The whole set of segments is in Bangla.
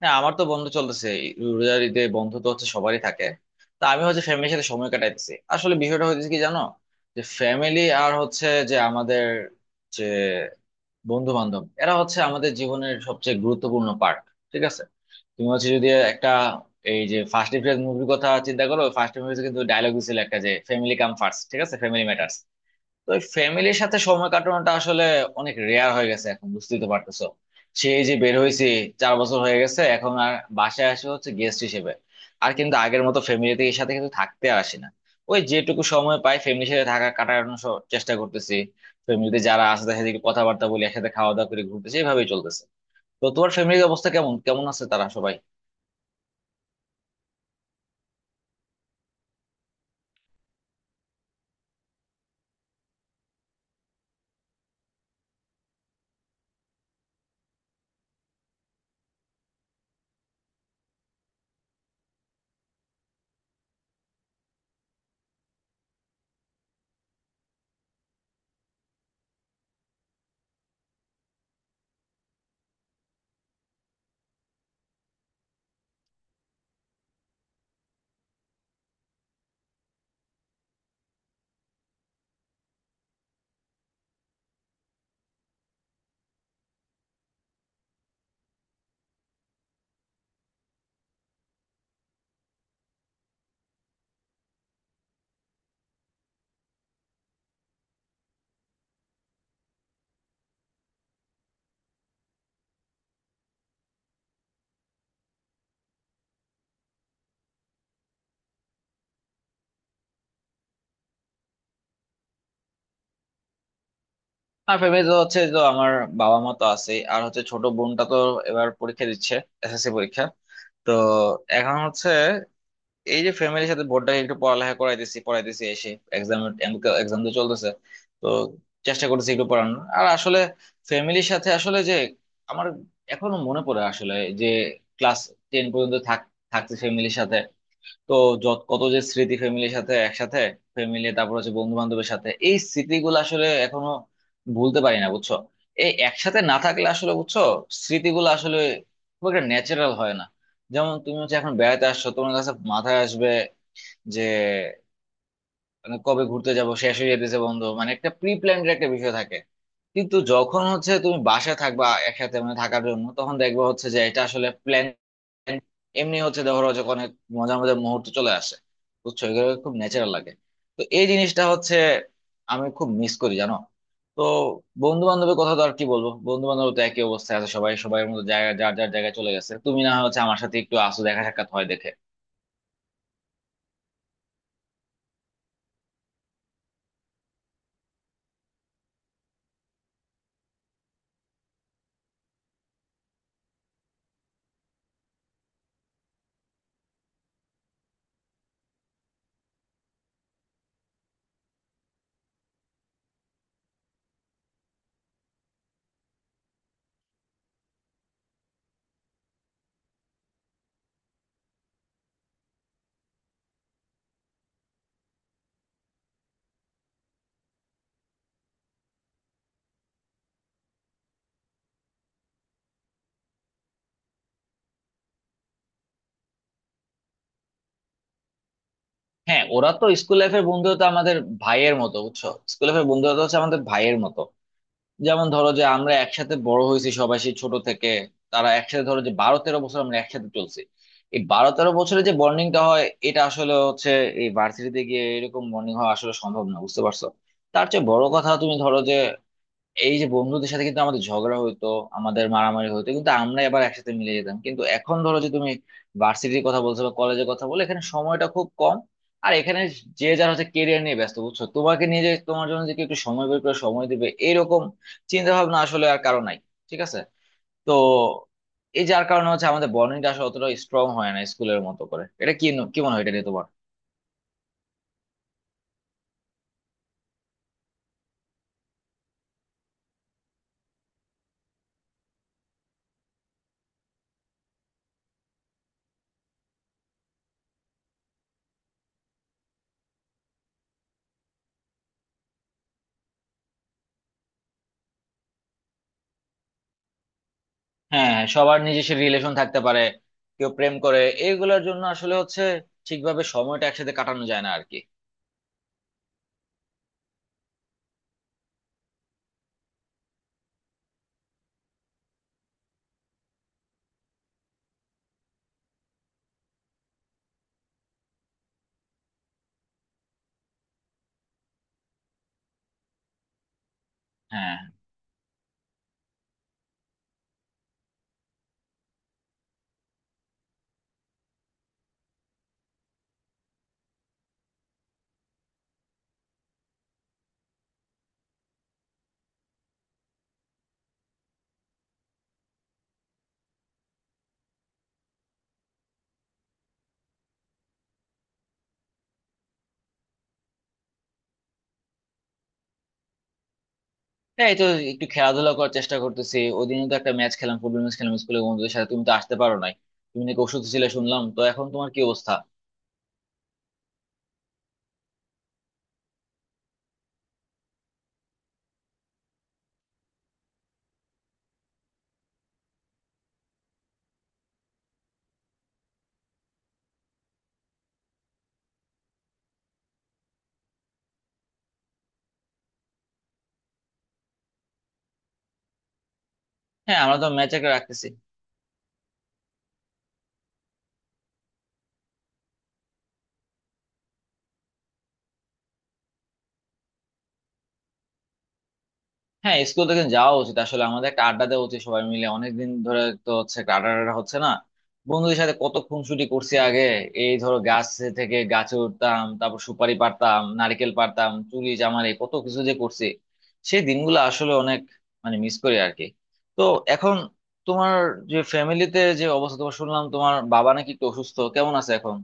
হ্যাঁ, আমার তো বন্ধ চলতেছে। এই রোজার ঈদে বন্ধ তো হচ্ছে, সবারই থাকে। তা আমি হচ্ছে ফ্যামিলির সাথে সময় কাটাইতেছি। আসলে বিষয়টা হচ্ছে কি জানো, যে ফ্যামিলি আর হচ্ছে যে আমাদের যে বন্ধু বান্ধব, এরা হচ্ছে আমাদের জীবনের সবচেয়ে গুরুত্বপূর্ণ পার্ট। ঠিক আছে? তুমি হচ্ছে যদি একটা এই যে ফার্স্ট এপ্রিল মুভির কথা চিন্তা করো, ফার্স্ট এপ্রিল কিন্তু ডায়লগ দিছিল একটা, যে ফ্যামিলি কাম ফার্স্ট, ঠিক আছে, ফ্যামিলি ম্যাটার্স। তো ফ্যামিলির সাথে সময় কাটানোটা আসলে অনেক রেয়ার হয়ে গেছে এখন, বুঝতেই তো পারতেছো। সেই যে বের হয়েছি, চার বছর হয়ে গেছে এখন। আর বাসায় আসে হচ্ছে গেস্ট হিসেবে, আর কিন্তু আগের মতো ফ্যামিলির সাথে কিন্তু থাকতে আর আসি না। ওই যেটুকু সময় পাই ফ্যামিলির সাথে থাকা কাটানোর চেষ্টা করতেছি। ফ্যামিলিতে যারা আছে তাদের সাথে একটু কথাবার্তা বলি, একসাথে খাওয়া দাওয়া করে ঘুরতেছি, এভাবেই চলতেছে। তো তোমার ফ্যামিলির অবস্থা কেমন? কেমন আছে তারা সবাই? আর ফ্যামিলি তো হচ্ছে তো আমার বাবা মা তো আছে, আর হচ্ছে ছোট বোনটা তো এবার পরীক্ষা দিচ্ছে, এসএসসি পরীক্ষা। তো এখন হচ্ছে এই যে ফ্যামিলির সাথে বোর্ডটা একটু পড়ালেখা করাইতেছি, পড়াইতেছি। এক্সাম, এক্সাম তো চলতেছে। তো চেষ্টা করতেছি একটু পড়ানোর। আর আসলে ফ্যামিলির সাথে আসলে যে আমার এখনো মনে পড়ে আসলে, যে ক্লাস টেন পর্যন্ত থাকছি ফ্যামিলির সাথে। তো যত কত যে স্মৃতি ফ্যামিলির সাথে একসাথে ফ্যামিলি, তারপর হচ্ছে বন্ধু বান্ধবের সাথে, এই স্মৃতিগুলো আসলে এখনো ভুলতে পারি না, বুঝছো? এই একসাথে না থাকলে আসলে বুঝছো স্মৃতিগুলো আসলে খুব একটা ন্যাচারাল হয় না। যেমন তুমি হচ্ছে এখন বেড়াতে আসছো, তোমার কাছে মাথায় আসবে যে মানে কবে ঘুরতে যাব, শেষ হয়ে যেতেছে বন্ধ, মানে একটা প্রি প্ল্যান্ড একটা বিষয় থাকে। কিন্তু যখন হচ্ছে তুমি বাসায় থাকবা একসাথে মানে থাকার জন্য, তখন দেখবা হচ্ছে যে এটা আসলে প্ল্যান এমনি হচ্ছে, ধরো যে অনেক মজার মজার মুহূর্ত চলে আসে, বুঝছো, এগুলো খুব ন্যাচারাল লাগে। তো এই জিনিসটা হচ্ছে আমি খুব মিস করি, জানো। তো বন্ধু বান্ধবের কথা তো আর কি বলবো, বন্ধু বান্ধব তো একই অবস্থায় আছে সবাই, সবাই মতো জায়গা যার যার জায়গায় চলে গেছে। তুমি না হয় হচ্ছে আমার সাথে একটু আসো, দেখা সাক্ষাৎ হয় দেখে। হ্যাঁ, ওরা তো স্কুল লাইফের বন্ধুত্ব আমাদের ভাইয়ের মতো, বুঝছো? স্কুল লাইফের বন্ধুত্ব হচ্ছে আমাদের ভাইয়ের মতো। যেমন ধরো যে আমরা একসাথে বড় হয়েছি সবাই সেই ছোট থেকে। তারা একসাথে ধরো যে 12 13 বছর আমরা একসাথে চলছি। এই 12 13 বছরে যে বন্ডিংটা হয় এটা আসলে হচ্ছে, এই ভার্সিটিতে গিয়ে এরকম বন্ডিং হওয়া আসলে সম্ভব না, বুঝতে পারছো? তার চেয়ে বড় কথা, তুমি ধরো যে এই যে বন্ধুদের সাথে কিন্তু আমাদের ঝগড়া হইতো, আমাদের মারামারি হইতো, কিন্তু আমরা আবার একসাথে মিলে যেতাম। কিন্তু এখন ধরো যে তুমি ভার্সিটির কথা বলছো বা কলেজের কথা বলে, এখানে সময়টা খুব কম। আর এখানে যে যার হচ্ছে কেরিয়ার নিয়ে ব্যস্ত, বুঝছো? তোমাকে নিয়ে, যে তোমার জন্য যে কেউ একটু সময় বের করে সময় দিবে, এরকম চিন্তা ভাবনা আসলে আর কারো নাই, ঠিক আছে? তো এই যার কারণে হচ্ছে আমাদের বন্ডিংটা আসলে অতটা স্ট্রং হয় না স্কুলের মতো করে। এটা কি, কি মনে হয় এটা নিয়ে তোমার? হ্যাঁ, হ্যাঁ, সবার নিজস্ব রিলেশন থাকতে পারে, কেউ প্রেম করে, এগুলোর জন্য আসলে হচ্ছে ঠিকভাবে সময়টা একসাথে কাটানো যায় না আর কি। হ্যাঁ, হ্যাঁ, এই তো একটু খেলাধুলা করার চেষ্টা করতেছি, ওদিনও তো একটা ম্যাচ খেলাম, ফুটবল ম্যাচ খেলাম স্কুলে বন্ধুদের সাথে, তুমি তো আসতে পারো নাই। তুমি নাকি ওষুধ ছিলে শুনলাম, তো এখন তোমার কি অবস্থা? হ্যাঁ, আমরা তো ম্যাচ একটা রাখতেছি। হ্যাঁ, স্কুল থেকে যাওয়া উচিত আসলে, আমাদের একটা আড্ডা দেওয়া উচিত সবাই মিলে, অনেকদিন ধরে তো হচ্ছে একটা আড্ডা টাড্ডা হচ্ছে না। বন্ধুদের সাথে কত খুনসুটি করছি আগে, এই ধরো গাছ থেকে গাছে উঠতাম, তারপর সুপারি পারতাম, নারকেল পারতাম, চুরি চামারি কত কিছু যে করছি। সেই দিনগুলো আসলে অনেক মানে মিস করি আর কি। তো এখন তোমার যে ফ্যামিলিতে যে অবস্থা, তোমার শুনলাম তোমার বাবা নাকি একটু অসুস্থ, কেমন আছে এখন?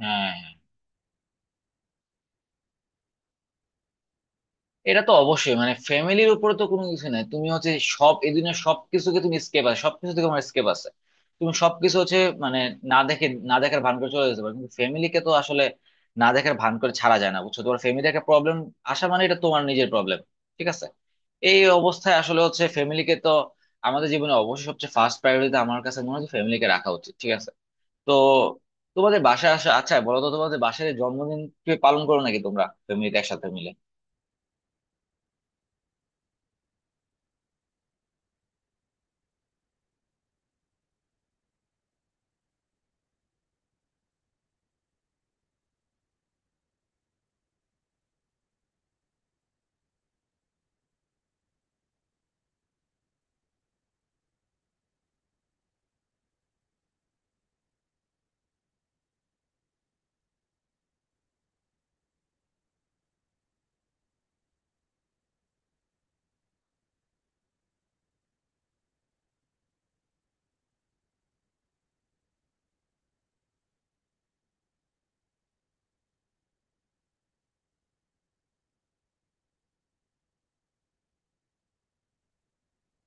হ্যাঁ, এটা তো অবশ্যই, মানে ফ্যামিলির উপরে তো কোনো কিছু নাই। তুমি হচ্ছে সব এই দুনিয়ার সবকিছুকে তুমি স্কেপ আছে, সবকিছু থেকে আমার স্কেপ আছে, তুমি সবকিছু হচ্ছে মানে না দেখে, না দেখার ভান করে চলে যেতে পারো। কিন্তু ফ্যামিলিকে তো আসলে না দেখার ভান করে ছাড়া যায় না, বুঝছো? তোমার ফ্যামিলি একটা প্রবলেম আসা মানে এটা তোমার নিজের প্রবলেম, ঠিক আছে? এই অবস্থায় আসলে হচ্ছে ফ্যামিলিকে তো আমাদের জীবনে অবশ্যই সবচেয়ে ফার্স্ট প্রায়োরিটিতে আমার কাছে মনে হয় ফ্যামিলিকে রাখা উচিত, ঠিক আছে? তো তোমাদের বাসায় আসা, আচ্ছা বলো তো, তোমাদের বাসায় জন্মদিন কি পালন করো নাকি তোমরা ফ্যামিলিতে একসাথে মিলে?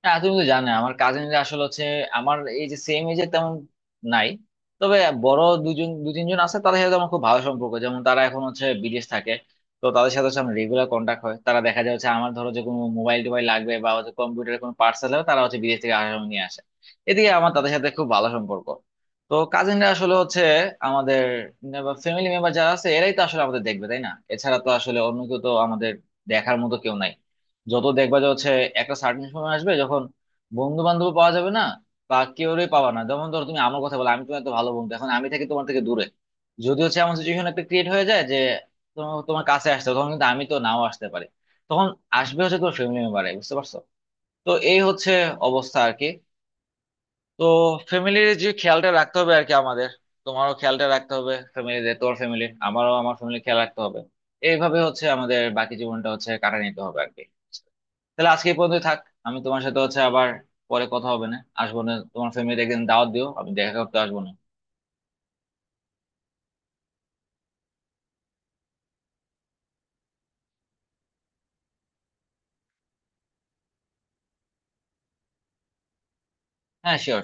হ্যাঁ, তুমি তো জানো আমার কাজিনরা আসলে হচ্ছে আমার এই যে সেম এজে তেমন নাই। তবে বড় দুজন, দু তিনজন আছে, তাদের সাথে আমার খুব ভালো সম্পর্ক। যেমন তারা এখন হচ্ছে বিদেশ থাকে, তো তাদের সাথে হচ্ছে আমার রেগুলার কন্ট্যাক্ট হয়। তারা দেখা যায় হচ্ছে আমার ধরো যে কোনো মোবাইল টোবাইল লাগবে বা হচ্ছে কম্পিউটারের কোনো পার্সেল হবে, তারা হচ্ছে বিদেশ থেকে আসার সময় নিয়ে আসে। এদিকে আমার তাদের সাথে খুব ভালো সম্পর্ক। তো কাজিনরা আসলে হচ্ছে আমাদের ফ্যামিলি মেম্বার যারা আছে, এরাই তো আসলে আমাদের দেখবে, তাই না? এছাড়া তো আসলে অন্য কেউ তো আমাদের দেখার মতো কেউ নাই। যত দেখবা যে হচ্ছে একটা সার্টেন সময় আসবে যখন বন্ধু বান্ধব পাওয়া যাবে না, বা কেউরে পাওয়া না। যেমন ধরো তুমি আমার কথা বলো, আমি তোমার এত ভালো বন্ধু, এখন আমি থাকি তোমার থেকে দূরে। যদি হচ্ছে এমন সিচুয়েশন একটা ক্রিয়েট হয়ে যায় যে তোমার তোমার কাছে আসতে হবে, তখন কিন্তু আমি তো নাও আসতে পারি। তখন আসবে হচ্ছে তোমার ফ্যামিলি মেম্বারে, বুঝতে পারছো? তো এই হচ্ছে অবস্থা আর কি। তো ফ্যামিলির যে খেয়ালটা রাখতে হবে আর কি আমাদের, তোমারও খেয়ালটা রাখতে হবে ফ্যামিলির, তোমার ফ্যামিলি আমারও, আমার ফ্যামিলি খেয়াল রাখতে হবে। এইভাবে হচ্ছে আমাদের বাকি জীবনটা হচ্ছে কাটা নিতে হবে আর কি। তাহলে আজকে এই পর্যন্ত থাক। আমি তোমার সাথে হচ্ছে আবার পরে কথা হবে। না আসবো না, তোমার ফ্যামিলি একদিন দাওয়াত দিও, আমি দেখা করতে আসবো না। হ্যাঁ, শিওর।